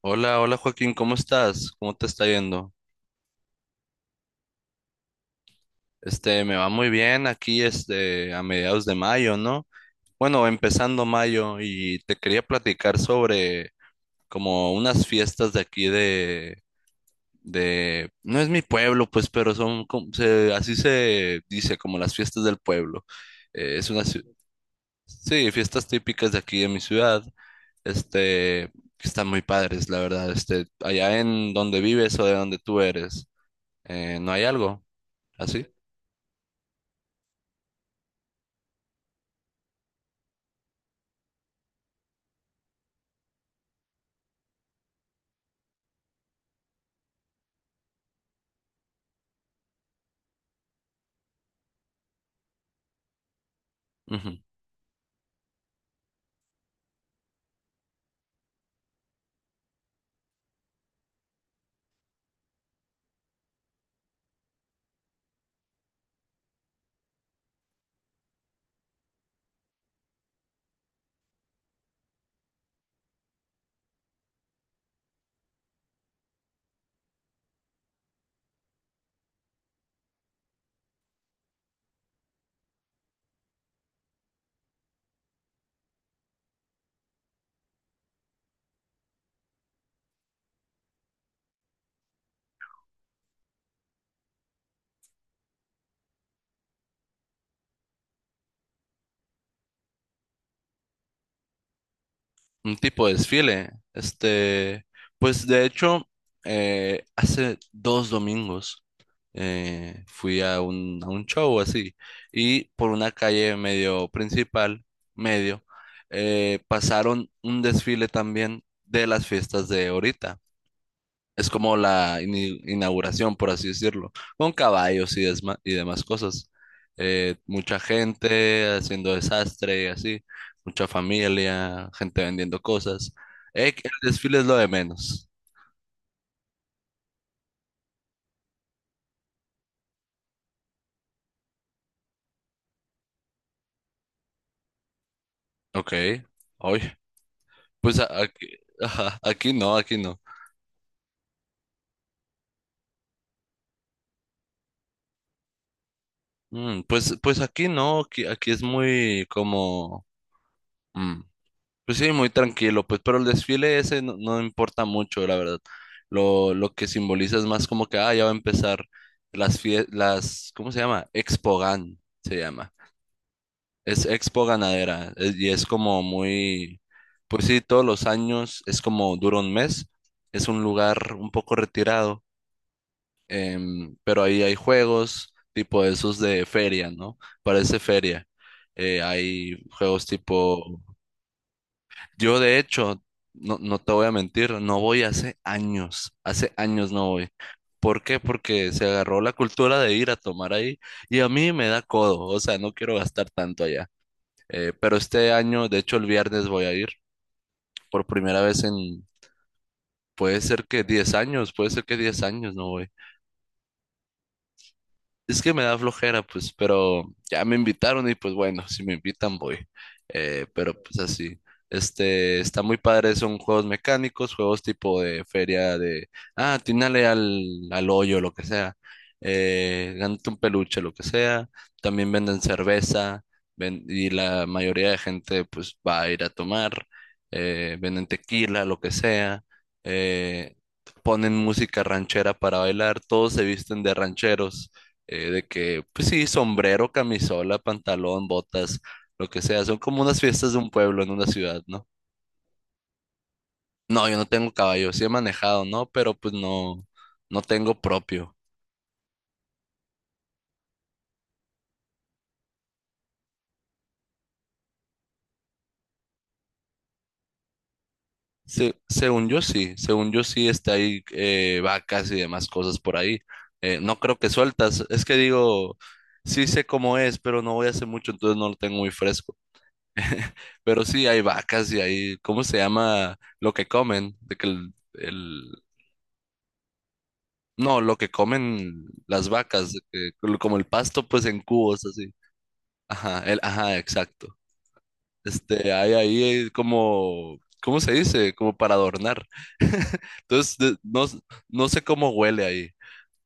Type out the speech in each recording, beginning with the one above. Hola, hola Joaquín, ¿cómo estás? ¿Cómo te está yendo? Me va muy bien aquí, a mediados de mayo, ¿no? Bueno, empezando mayo y te quería platicar sobre como unas fiestas de aquí no es mi pueblo, pues, pero son, así se dice, como las fiestas del pueblo. Eh, es una, ci- sí, fiestas típicas de aquí de mi ciudad, este, que están muy padres, la verdad, allá en donde vives o de donde tú eres. No hay algo así. Ujú. Un tipo de desfile. Pues de hecho, hace 2 domingos fui a un show así y por una calle medio principal, medio, pasaron un desfile también de las fiestas de ahorita. Es como la inauguración, por así decirlo, con caballos y demás cosas. Mucha gente haciendo desastre y así, mucha familia, gente vendiendo cosas. Que el desfile es lo de menos. Ok, hoy, pues aquí, ajá, aquí no, aquí no. Pues aquí no, aquí es muy como... mm, pues sí, muy tranquilo, pues, pero el desfile ese no importa mucho, la verdad. Lo que simboliza es más como que, ya va a empezar las fiestas, ¿cómo se llama? Expogan, se llama. Es Expo Ganadera, y es como muy, pues sí, todos los años, es como dura un mes, es un lugar un poco retirado, pero ahí hay juegos tipo esos de feria, ¿no? Parece feria. Hay juegos tipo Yo de hecho, no te voy a mentir, no voy hace años no voy. ¿Por qué? Porque se agarró la cultura de ir a tomar ahí y a mí me da codo, o sea, no quiero gastar tanto allá. Pero este año, de hecho, el viernes voy a ir por primera vez en, puede ser que 10 años no voy. Es que me da flojera, pues, pero ya me invitaron y pues bueno, si me invitan voy. Pero pues así, está muy padre, son juegos mecánicos, juegos tipo de feria de, atínale al hoyo, lo que sea. Gánate un peluche, lo que sea. También venden cerveza, y la mayoría de gente pues va a ir a tomar. Venden tequila, lo que sea. Eh, Ponen música ranchera para bailar, todos se visten de rancheros, pues sí, sombrero, camisola, pantalón, botas, lo que sea. Son como unas fiestas de un pueblo en una ciudad, ¿no? No, yo no tengo caballo, sí he manejado, ¿no? Pero pues no tengo propio. Según yo sí está ahí, vacas y demás cosas por ahí. No creo que sueltas, es que digo, sí sé cómo es, pero no voy a hacer mucho, entonces no lo tengo muy fresco. Pero sí hay vacas y hay, ¿cómo se llama lo que comen? De que el, no, lo que comen las vacas, como el pasto, pues en cubos, así. Ajá, el, ajá, exacto. Hay ahí, como, ¿cómo se dice? Como para adornar. Entonces, no sé cómo huele ahí,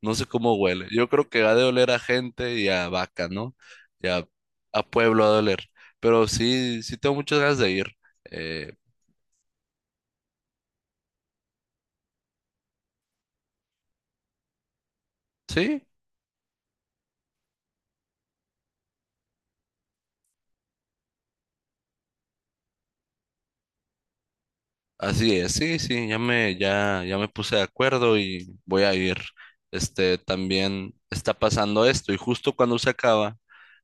no sé cómo huele. Yo creo que ha de oler a gente y a vaca, ¿no? Y a, pueblo ha de oler. Pero sí, sí tengo muchas ganas de ir. Eh, sí. Así es, sí, sí, ya me puse de acuerdo y voy a ir. También está pasando esto y justo cuando se acaba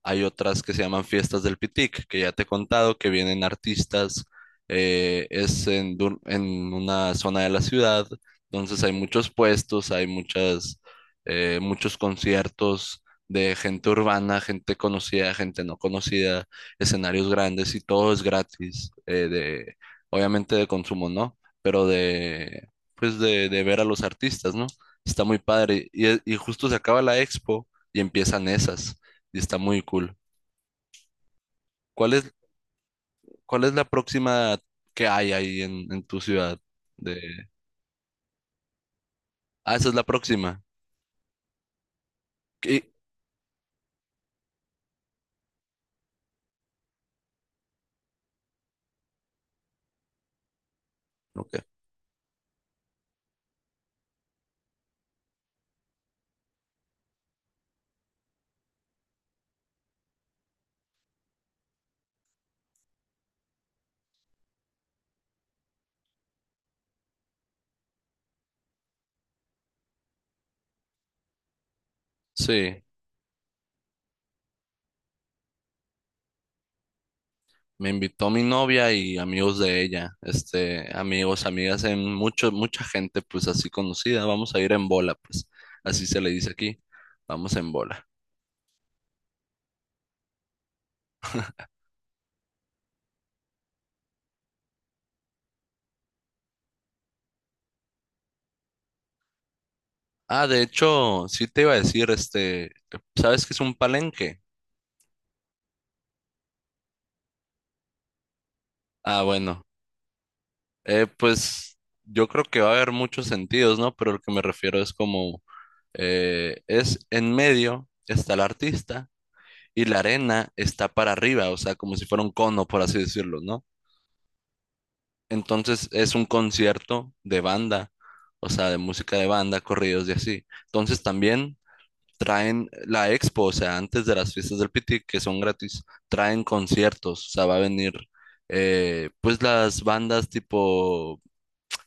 hay otras que se llaman Fiestas del Pitic, que ya te he contado, que vienen artistas, en una zona de la ciudad, entonces hay muchos puestos, hay muchos conciertos de gente urbana, gente conocida, gente no conocida, escenarios grandes y todo es gratis, obviamente de consumo no, pero de ver a los artistas, ¿no? Está muy padre. Y justo se acaba la expo y empiezan esas, y está muy cool. ¿Cuál es, cuál es la próxima que hay ahí en tu ciudad? De... Ah, esa es la próxima. ¿Qué? Ok. Sí, me invitó mi novia y amigos de ella, amigos, amigas, mucha gente, pues así conocida. Vamos a ir en bola, pues así se le dice aquí. Vamos en bola. Ah, de hecho, sí te iba a decir, ¿sabes qué es un palenque? Ah, bueno, pues yo creo que va a haber muchos sentidos, ¿no? Pero lo que me refiero es como, es en medio está el artista y la arena está para arriba, o sea, como si fuera un cono, por así decirlo, ¿no? Entonces es un concierto de banda, o sea, de música de banda, corridos y así. Entonces también traen la expo, o sea, antes de las fiestas del Piti, que son gratis, traen conciertos, o sea, va a venir, pues las bandas tipo,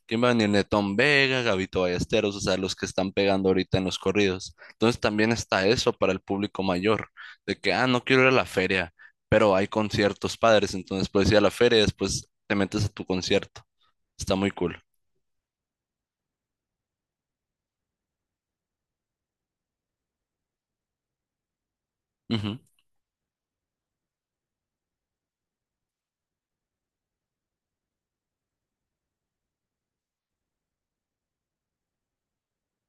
¿quién va a venir? Netón Vega, Gabito Ballesteros, o sea, los que están pegando ahorita en los corridos. Entonces también está eso para el público mayor, de que, no quiero ir a la feria, pero hay conciertos padres, entonces puedes ir a la feria y después te metes a tu concierto. Está muy cool.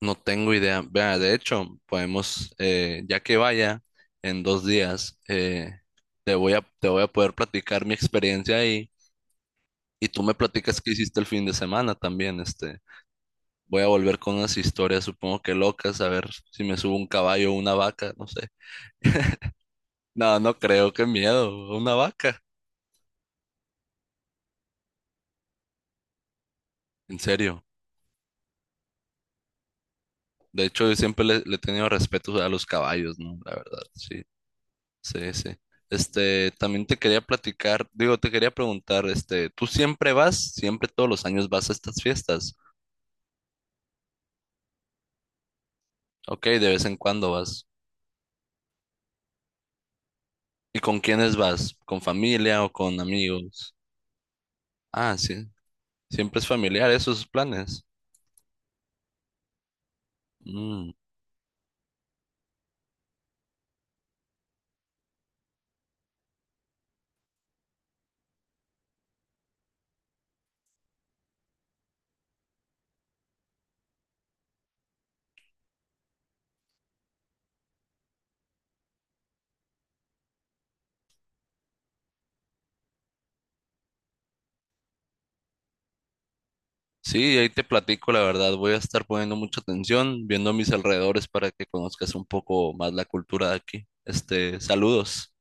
No tengo idea. Vea, de hecho, podemos, ya que vaya en 2 días, te voy a poder platicar mi experiencia ahí y tú me platicas qué hiciste el fin de semana también. Voy a volver con unas historias, supongo que locas, a ver si me subo un caballo o una vaca, no sé. No, no creo, qué miedo, una vaca, en serio. De hecho, yo siempre le he tenido respeto a los caballos, ¿no? La verdad, sí. Sí, sí. También te quería platicar, digo, te quería preguntar, ¿tú siempre vas? ¿Siempre todos los años vas a estas fiestas? Ok, de vez en cuando vas. ¿Y con quiénes vas? ¿Con familia o con amigos? Ah, sí. Siempre es familiar, esos planes. Mm. Sí, ahí te platico, la verdad, voy a estar poniendo mucha atención, viendo a mis alrededores para que conozcas un poco más la cultura de aquí. Saludos.